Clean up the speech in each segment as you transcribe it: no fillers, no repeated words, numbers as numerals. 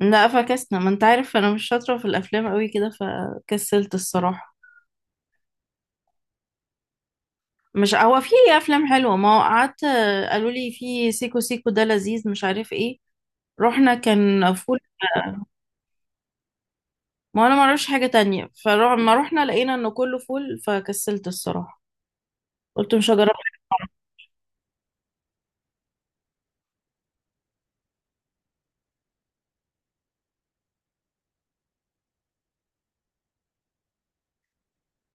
لا، فكسنا. ما انت عارف، انا مش شاطرة في الافلام قوي كده، فكسلت الصراحة. مش هو في افلام حلوة؟ ما هو قعدت. قالوا لي في سيكو سيكو ده لذيذ مش عارف ايه. رحنا كان فول. ما انا ما اعرفش حاجة تانية، فلما رحنا لقينا انه كله فول فكسلت الصراحة. قلت مش هجرب.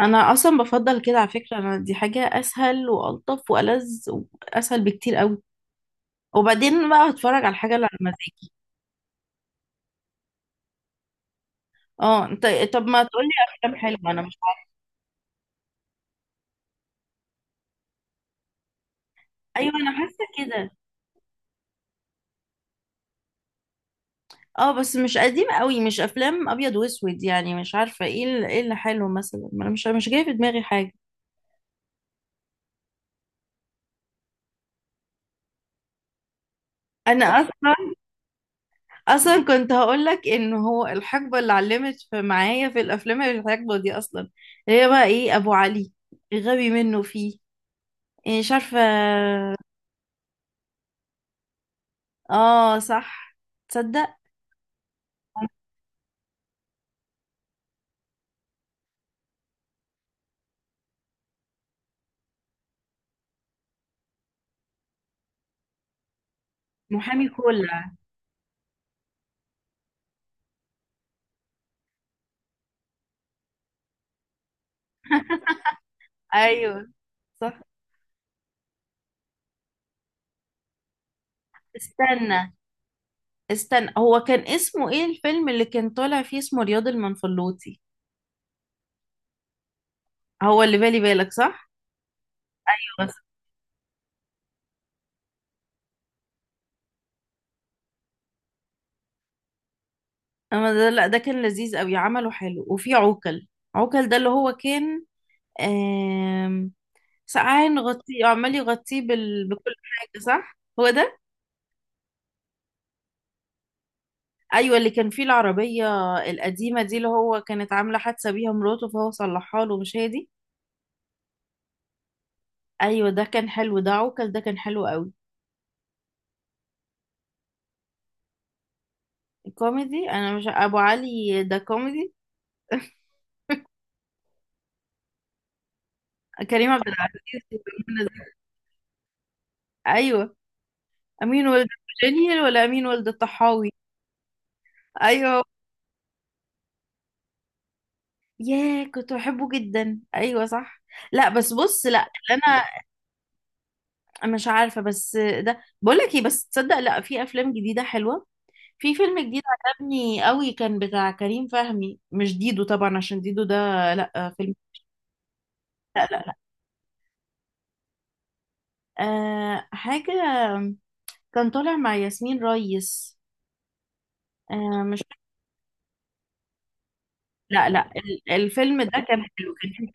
انا اصلا بفضل كده على فكرة، انا دي حاجة اسهل والطف والذ واسهل بكتير قوي. وبعدين بقى هتفرج على الحاجة اللي على مزاجي. اه انت، طب ما تقولي افلام حلوة. انا مش عارفة. ايوه انا حاسة كده. اه بس مش قديم قوي، مش افلام ابيض واسود يعني، مش عارفه ايه ايه اللي حلو مثلا. ما انا مش جايه في دماغي حاجه. انا اصلا كنت هقول لك ان هو الحقبه اللي علمت في معايا في الافلام هي الحقبه دي اصلا، اللي هي بقى ايه، ابو علي، غبي منه فيه، إيه، مش عارفه. اه صح. تصدق محامي كولا؟ ايوه صح. استنى استنى، هو كان اسمه ايه الفيلم اللي كان طالع فيه؟ اسمه رياض المنفلوطي. هو اللي بالي بالك، صح. اما ده لا، ده كان لذيذ قوي، عمله حلو، وفي عوكل. عوكل ده اللي هو كان آم، سقعان غطيه، عمال يغطيه بكل حاجه، صح هو ده؟ ايوه، اللي كان فيه العربيه القديمه دي، اللي هو كانت عامله حادثه بيها مراته فهو صلحها له، مش هي دي؟ ايوه ده كان حلو، ده عوكل ده كان حلو قوي. كوميدي؟ انا مش ابو علي ده كوميدي؟ كريم عبد العزيز ومنى زكي. ايوه، امين ولد الجنيل ولا امين ولد الطحاوي. ايوه. ياه كنت بحبه جدا، ايوه صح. لا بس بص، لا اللي انا مش عارفه. بس ده، بقول لك ايه، بس تصدق، لا في افلام جديده حلوه. في فيلم جديد عجبني قوي، كان بتاع كريم فهمي، مش ديدو طبعا عشان ديدو ده لا فيلم. لا لا لا. حاجه كان طالع مع ياسمين ريس. آه، مش. لا لا الفيلم ده كان حلو كان حلو.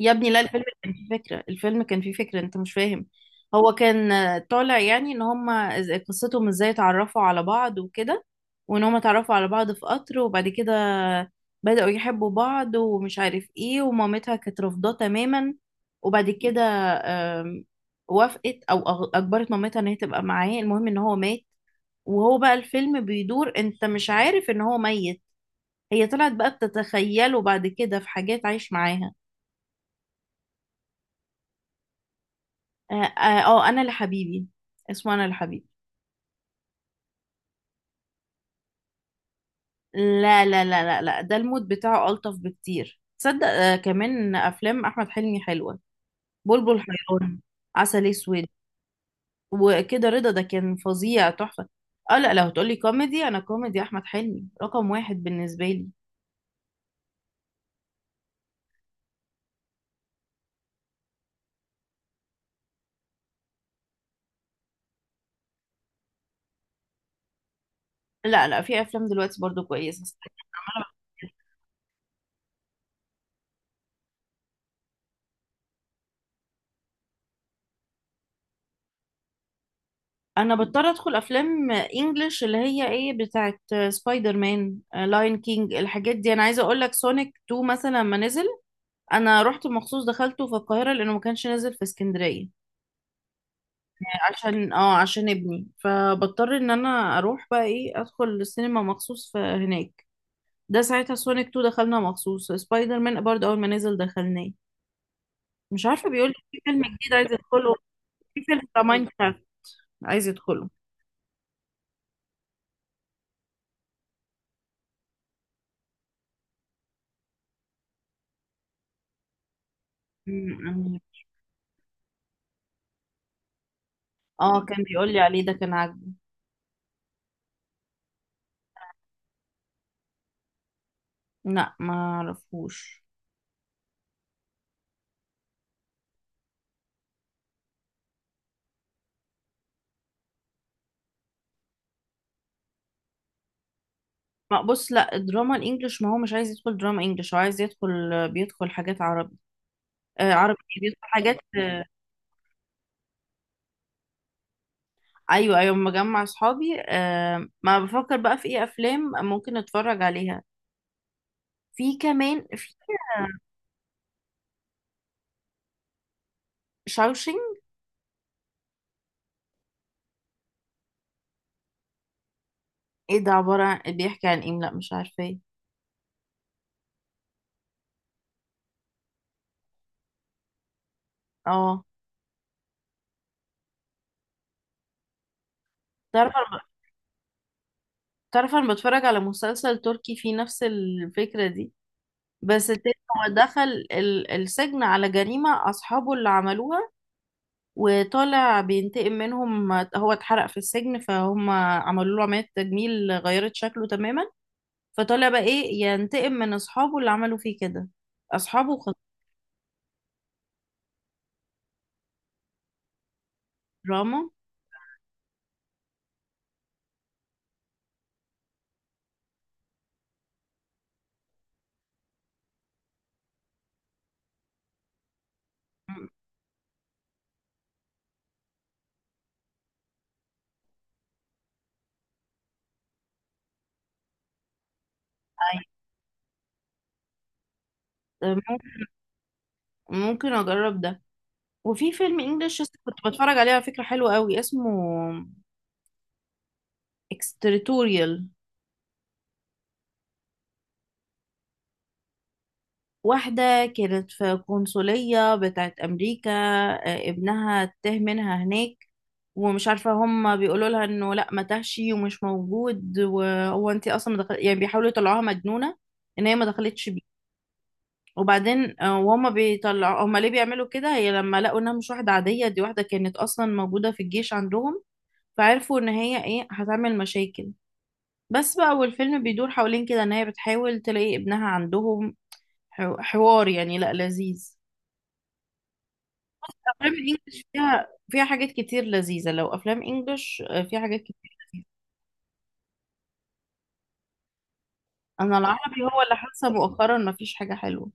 يا ابني لا، الفيلم كان فيه فكرة. انت مش فاهم. هو كان طالع يعني ان هما قصتهم ازاي اتعرفوا على بعض وكده، وان هما اتعرفوا على بعض في قطر. وبعد كده بدأوا يحبوا بعض ومش عارف ايه، ومامتها كانت رافضاه تماما. وبعد كده آم، وافقت او اجبرت مامتها ان هي تبقى معاه. المهم ان هو مات، وهو بقى الفيلم بيدور، انت مش عارف ان هو ميت. هي طلعت بقى بتتخيله بعد كده في حاجات عايش معاها. اه، انا لحبيبي. اسمه انا لحبيبي. لا لا لا لا لا، ده المود بتاعه ألطف بكتير تصدق. كمان أفلام أحمد حلمي حلوة، بلبل حيران، عسل أسود، وكده رضا ده كان فظيع تحفة. اه لا، لو هتقولي كوميدي، أنا كوميدي أحمد حلمي رقم واحد بالنسبة لي. لا لا، في أفلام دلوقتي برضو كويسة. أنا بضطر أدخل أفلام إنجلش اللي هي إيه، بتاعت سبايدر مان، لاين كينج، الحاجات دي. أنا عايزة أقولك سونيك 2 مثلا، لما نزل انا رحت مخصوص دخلته في القاهره لانه ما كانش نازل في اسكندريه. عشان ابني، فبضطر ان انا اروح بقى ايه ادخل السينما مخصوص في هناك. ده ساعتها سونيك 2 دخلنا مخصوص، سبايدر مان برضه اول ما نزل دخلناه. مش عارفه، بيقول لي في فيلم جديد عايز ادخله، في فيلم بتاع ماينكرافت عايز ادخله. م- م- اه كان بيقول لي عليه ده كان عاجبه. لا ما اعرفوش. ما بص، لا الدراما الانجليش، ما هو مش عايز يدخل دراما انجليش، هو عايز يدخل، بيدخل حاجات عربي. آه عربي، بيدخل حاجات ايوه ايوه. مجمع اصحابي، ما بفكر بقى في ايه افلام ممكن نتفرج عليها. في كمان في شاوشينج. ايه ده، عبارة عن بيحكي عن ايه؟ لا مش عارفة ايه. اه تعرف، انا بتفرج على مسلسل تركي فيه نفس الفكرة دي، بس التاني. هو دخل السجن على جريمة اصحابه اللي عملوها، وطالع بينتقم منهم. هو اتحرق في السجن فهم عملوا له عملية تجميل غيرت شكله تماما، فطالع بقى ايه ينتقم من اصحابه اللي عملوا فيه كده. اصحابه دراما. مم. أيوة، ممكن، ممكن اجرب ده. وفي فيلم انجلش كنت بتفرج عليه على فكرة حلو قوي، اسمه اكستريتوريال. واحدة كانت في قنصلية بتاعت أمريكا، ابنها تاه منها هناك. ومش عارفة، هم بيقولوا لها انه لا، ما تهشي ومش موجود، وهو انت اصلا ما دخل... يعني بيحاولوا يطلعوها مجنونة ان هي ما دخلتش. وبعدين وهما بيطلعوا، هما ليه بيعملوا كده؟ هي لما لقوا انها مش واحدة عادية، دي واحدة كانت اصلا موجودة في الجيش عندهم، فعرفوا ان هي ايه هتعمل مشاكل. بس بقى، والفيلم بيدور حوالين كده ان هي بتحاول تلاقي ابنها عندهم. حوار يعني، لا لذيذ. افلام الانجليش فيها حاجات كتير لذيذة. لو افلام انجليش فيها حاجات كتير لذيذة. انا العربي هو اللي حاسة مؤخرا مفيش حاجة حلوة.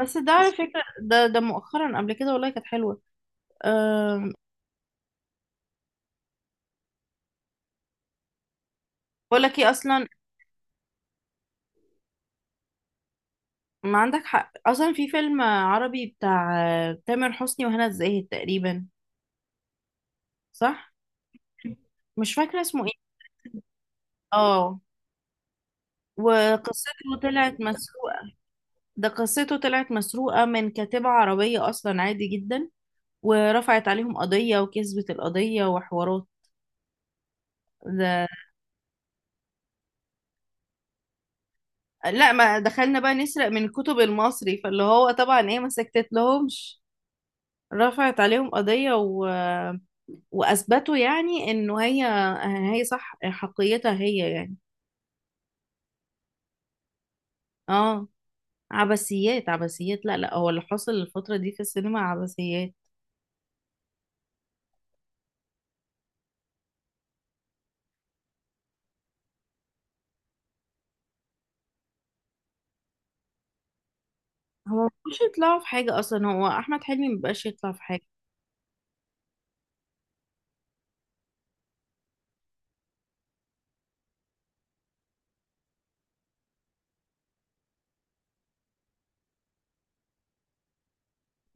بس ده على فكرة، ده مؤخرا، قبل كده والله كانت حلوة. أم، بقول لك ايه اصلا، ما عندك حق اصلا. في فيلم عربي بتاع تامر حسني وهنا الزاهد تقريبا، صح. مش فاكره اسمه ايه. اه، وقصته طلعت مسروقه. ده قصته طلعت مسروقه من كاتبه عربيه اصلا، عادي جدا، ورفعت عليهم قضيه وكسبت القضيه وحوارات. ده لا، ما دخلنا بقى نسرق من الكتب المصري، فاللي هو طبعا ايه، ما سكتت لهمش، رفعت عليهم قضية و... وأثبتوا يعني إنه هي، هي صح حقيتها هي يعني. اه، عبثيات عبثيات، لا لا، هو اللي حصل الفترة دي في السينما عبثيات. هو مش يطلعوا في حاجة أصلا، هو أحمد حلمي مبقاش يطلع في حاجة.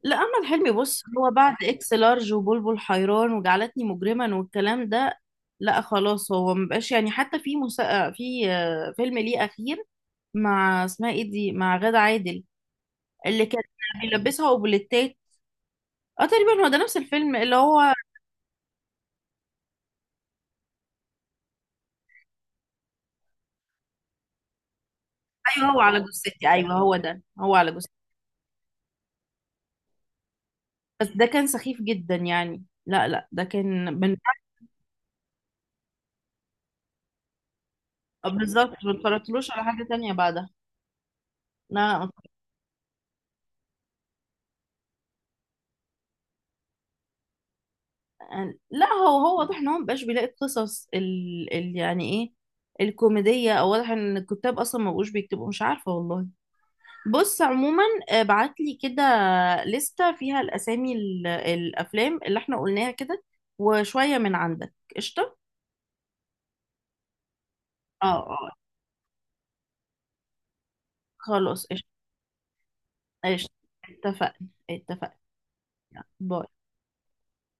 لا أحمد حلمي بص، هو بعد إكس لارج وبلبل حيران وجعلتني مجرما والكلام ده، لا خلاص، هو مبقاش يعني. حتى في فيلم ليه أخير مع اسمها ايه دي، مع غادة عادل، اللي كان بيلبسها اوبليتات. اه تقريبا هو ده نفس الفيلم اللي هو، ايوه، هو على جثتي، ايوه هو ده، هو على جثتي. بس ده كان سخيف جدا يعني، لا لا ده كان من بالظبط. ما اتفرجتلوش على حاجة تانية بعدها. لا. لا لا، هو واضح ان هو مبقاش بيلاقي القصص يعني ايه الكوميدية، او واضح ان الكتاب اصلا ما بقوش بيكتبوا. مش عارفة والله. بص عموما، ابعت لي كده لستة فيها الاسامي، الافلام اللي احنا قلناها كده، وشوية من عندك. قشطة. اه اه. خلاص. قشطة. اتفقنا اتفقنا. باي.